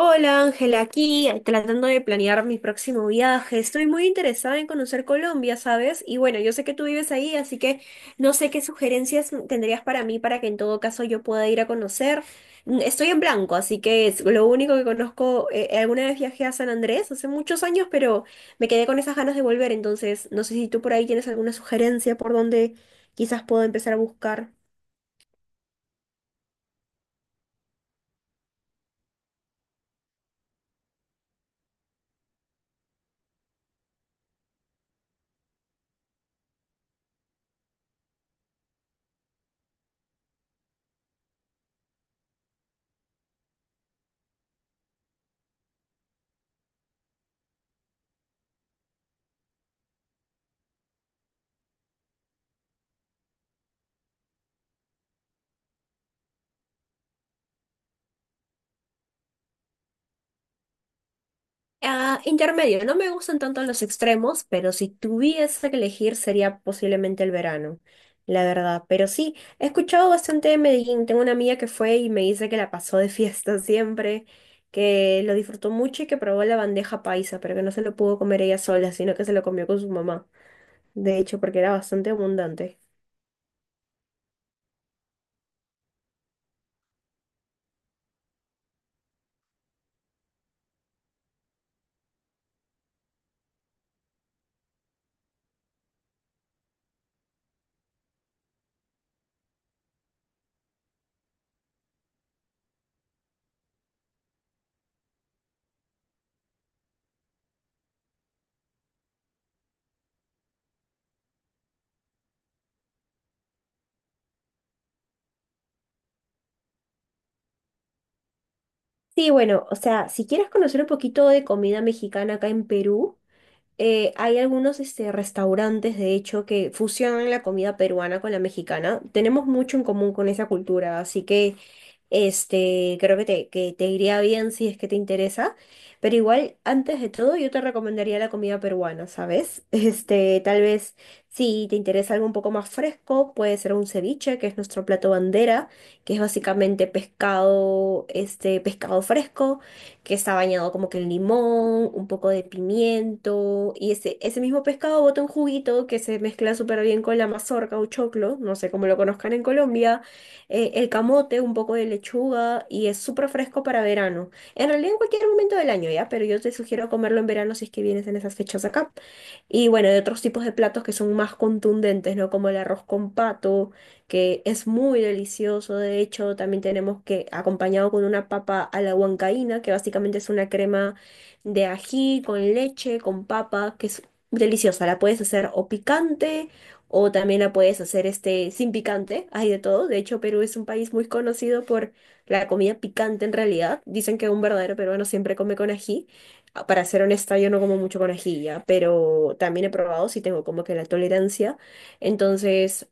Hola Ángela, aquí tratando de planear mi próximo viaje. Estoy muy interesada en conocer Colombia, ¿sabes? Y bueno, yo sé que tú vives ahí, así que no sé qué sugerencias tendrías para mí para que en todo caso yo pueda ir a conocer. Mm, estoy en blanco, así que es lo único que conozco. Alguna vez viajé a San Andrés hace muchos años, pero me quedé con esas ganas de volver, entonces no sé si tú por ahí tienes alguna sugerencia por dónde quizás puedo empezar a buscar. Ah, intermedio, no me gustan tanto los extremos, pero si tuviese que elegir sería posiblemente el verano, la verdad. Pero sí, he escuchado bastante de Medellín. Tengo una amiga que fue y me dice que la pasó de fiesta siempre, que lo disfrutó mucho y que probó la bandeja paisa, pero que no se lo pudo comer ella sola, sino que se lo comió con su mamá. De hecho, porque era bastante abundante. Sí, bueno, o sea, si quieres conocer un poquito de comida mexicana acá en Perú. Hay algunos restaurantes, de hecho, que fusionan la comida peruana con la mexicana. Tenemos mucho en común con esa cultura, así que creo que que te iría bien si es que te interesa. Pero igual, antes de todo, yo te recomendaría la comida peruana, ¿sabes? Tal vez si te interesa algo un poco más fresco, puede ser un ceviche, que es nuestro plato bandera, que es básicamente pescado, pescado fresco que está bañado como que en limón, un poco de pimiento, y ese mismo pescado bota un juguito que se mezcla súper bien con la mazorca o choclo, no sé cómo lo conozcan en Colombia, el camote, un poco de lechuga, y es súper fresco para verano. En realidad en cualquier momento del año, ¿ya? Pero yo te sugiero comerlo en verano si es que vienes en esas fechas acá. Y bueno, de otros tipos de platos que son más contundentes, ¿no? Como el arroz con pato, que es muy delicioso. De hecho, también tenemos que acompañado con una papa a la huancaína, que básicamente es una crema de ají con leche, con papa, que es deliciosa. La puedes hacer o picante o también la puedes hacer sin picante. Hay de todo. De hecho, Perú es un país muy conocido por la comida picante en realidad. Dicen que un verdadero peruano siempre come con ají. Para ser honesta, yo no como mucho con ají, ya, pero también he probado si tengo como que la tolerancia. Entonces,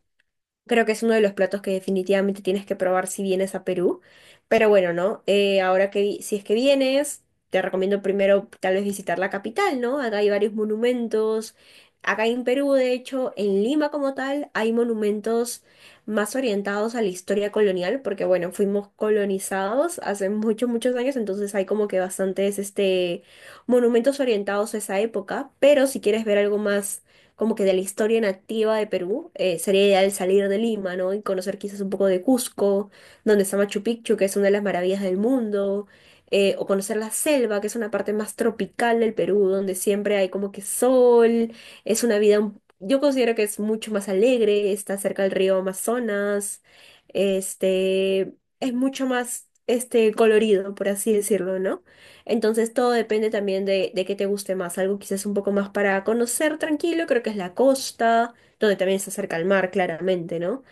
creo que es uno de los platos que definitivamente tienes que probar si vienes a Perú. Pero bueno, ¿no? Si es que vienes, te recomiendo primero tal vez visitar la capital, ¿no? Acá hay varios monumentos. Acá en Perú, de hecho, en Lima como tal, hay monumentos más orientados a la historia colonial, porque bueno, fuimos colonizados hace muchos, muchos años, entonces hay como que bastantes monumentos orientados a esa época. Pero si quieres ver algo más como que de la historia nativa de Perú, sería ideal salir de Lima, ¿no? Y conocer quizás un poco de Cusco, donde está Machu Picchu, que es una de las maravillas del mundo, o conocer la selva, que es una parte más tropical del Perú, donde siempre hay como que sol, es una vida, yo considero que es mucho más alegre, está cerca del río Amazonas, este, es mucho más, colorido, por así decirlo, ¿no? Entonces todo depende también de qué te guste más. Algo quizás un poco más para conocer tranquilo, creo que es la costa, donde también se acerca al mar, claramente, ¿no?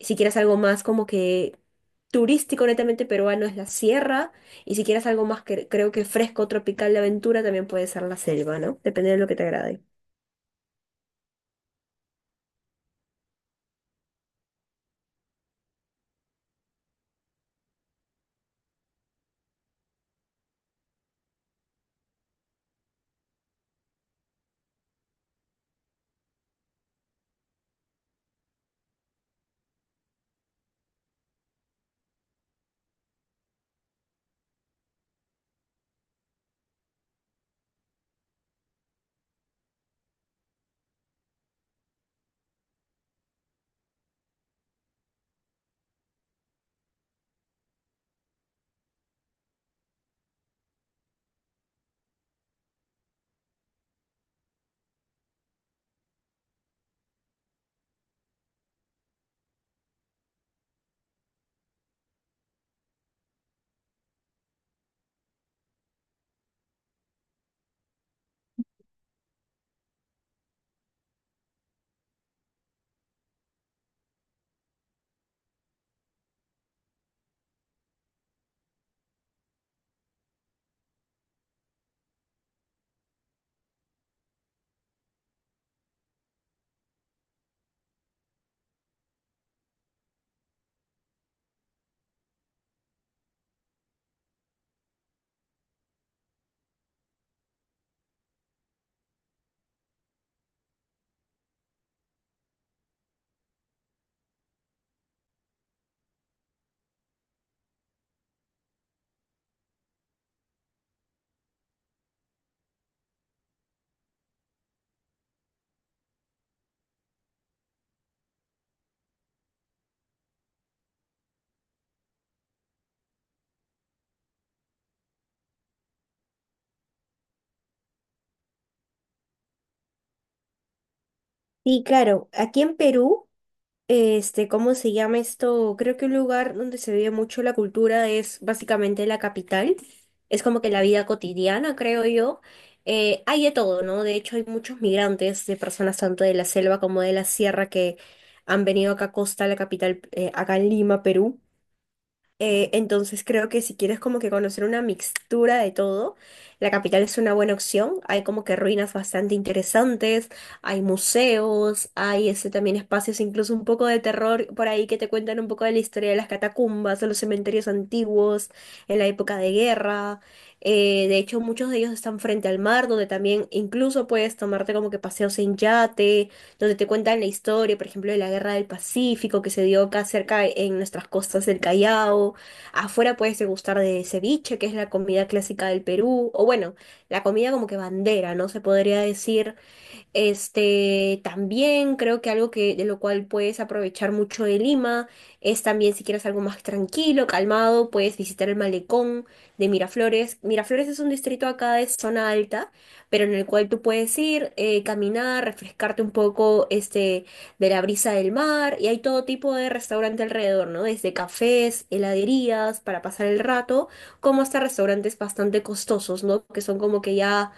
Si quieres algo más como que turístico netamente peruano es la sierra, y si quieres algo más que creo que fresco, tropical de aventura, también puede ser la selva, ¿no? Depende de lo que te agrade. Sí, claro, aquí en Perú. Este, ¿cómo se llama esto? Creo que un lugar donde se vive mucho la cultura es básicamente la capital. Es como que la vida cotidiana, creo yo. Hay de todo, ¿no? De hecho, hay muchos migrantes de personas tanto de la selva como de la sierra que han venido acá a Costa, la capital, acá en Lima, Perú. Entonces creo que si quieres como que conocer una mixtura de todo, la capital es una buena opción. Hay como que ruinas bastante interesantes, hay museos, hay ese también espacios incluso un poco de terror por ahí que te cuentan un poco de la historia de las catacumbas, de los cementerios antiguos, en la época de guerra. De hecho, muchos de ellos están frente al mar, donde también incluso puedes tomarte como que paseos en yate donde te cuentan la historia, por ejemplo, de la Guerra del Pacífico que se dio acá cerca en nuestras costas del Callao. Afuera puedes degustar de ceviche, que es la comida clásica del Perú, o bueno, la comida como que bandera, ¿no? Se podría decir también creo que algo que de lo cual puedes aprovechar mucho de Lima es también si quieres algo más tranquilo, calmado, puedes visitar el malecón de Miraflores. Miraflores es un distrito acá de zona alta, pero en el cual tú puedes ir, caminar, refrescarte un poco, de la brisa del mar y hay todo tipo de restaurante alrededor, ¿no? Desde cafés, heladerías para pasar el rato, como hasta restaurantes bastante costosos, ¿no? Que son como que ya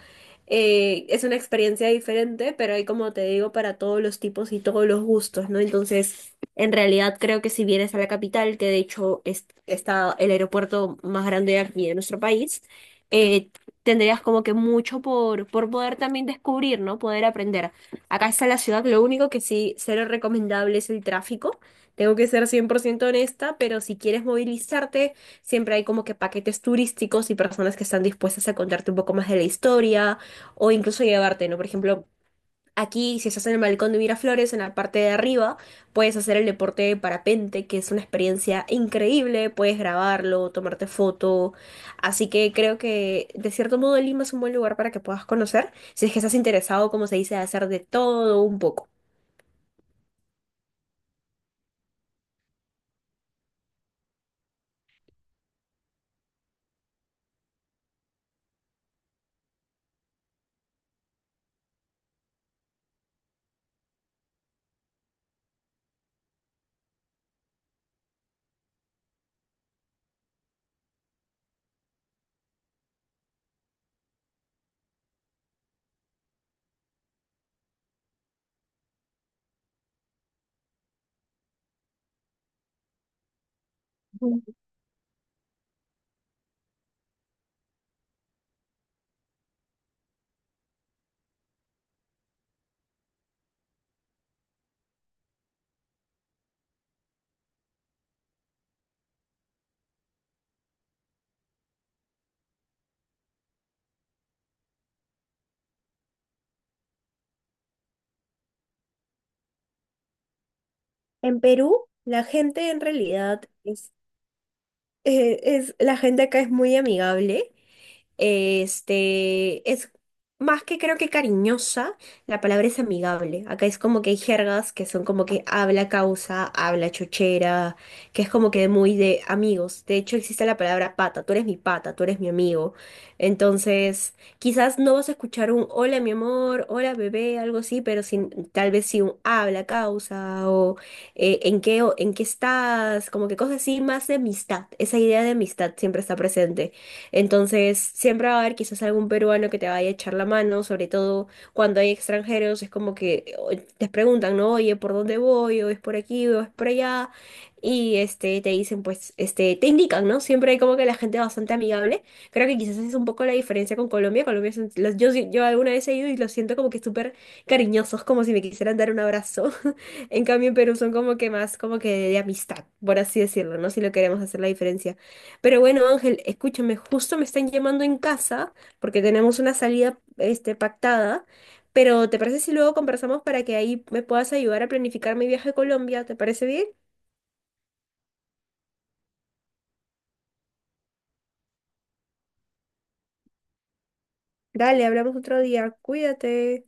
es una experiencia diferente, pero hay, como te digo, para todos los tipos y todos los gustos, ¿no? Entonces, en realidad creo que si vienes a la capital, que de hecho está el aeropuerto más grande aquí de nuestro país, eh, tendrías como que mucho por poder también descubrir, ¿no? Poder aprender. Acá está la ciudad, lo único que sí, cero recomendable es el tráfico. Tengo que ser 100% honesta, pero si quieres movilizarte, siempre hay como que paquetes turísticos y personas que están dispuestas a contarte un poco más de la historia o incluso llevarte, ¿no? Por ejemplo, aquí si estás en el balcón de Miraflores, en la parte de arriba, puedes hacer el deporte de parapente, que es una experiencia increíble, puedes grabarlo, tomarte foto, así que creo que de cierto modo Lima es un buen lugar para que puedas conocer, si es que estás interesado, como se dice, de hacer de todo un poco. Ujú. En Perú, la gente en realidad es, la gente acá es muy amigable. Es más que creo que cariñosa, la palabra es amigable. Acá es como que hay jergas que son como que habla causa, habla chochera, que es como que muy de amigos. De hecho, existe la palabra pata, tú eres mi pata, tú eres mi amigo. Entonces, quizás no vas a escuchar un hola mi amor, hola bebé, algo así, pero sin, tal vez sí un habla causa o en qué estás, como que cosas así, más de amistad. Esa idea de amistad siempre está presente. Entonces, siempre va a haber quizás algún peruano que te vaya a echar la mano, sobre todo cuando hay extranjeros, es como que te preguntan, ¿no? Oye, ¿por dónde voy? ¿O es por aquí? ¿O es por allá? Y te dicen, pues, te indican, ¿no? Siempre hay como que la gente bastante amigable. Creo que quizás esa es un poco la diferencia con Colombia. Colombia es yo, yo alguna vez he ido y los siento como que súper cariñosos, como si me quisieran dar un abrazo. En cambio, en Perú son como que más como que de amistad, por así decirlo, ¿no? Si lo queremos hacer la diferencia. Pero bueno, Ángel, escúchame, justo me están llamando en casa porque tenemos una salida, pactada, pero ¿te parece si luego conversamos para que ahí me puedas ayudar a planificar mi viaje a Colombia? ¿Te parece bien? Dale, hablamos otro día. Cuídate.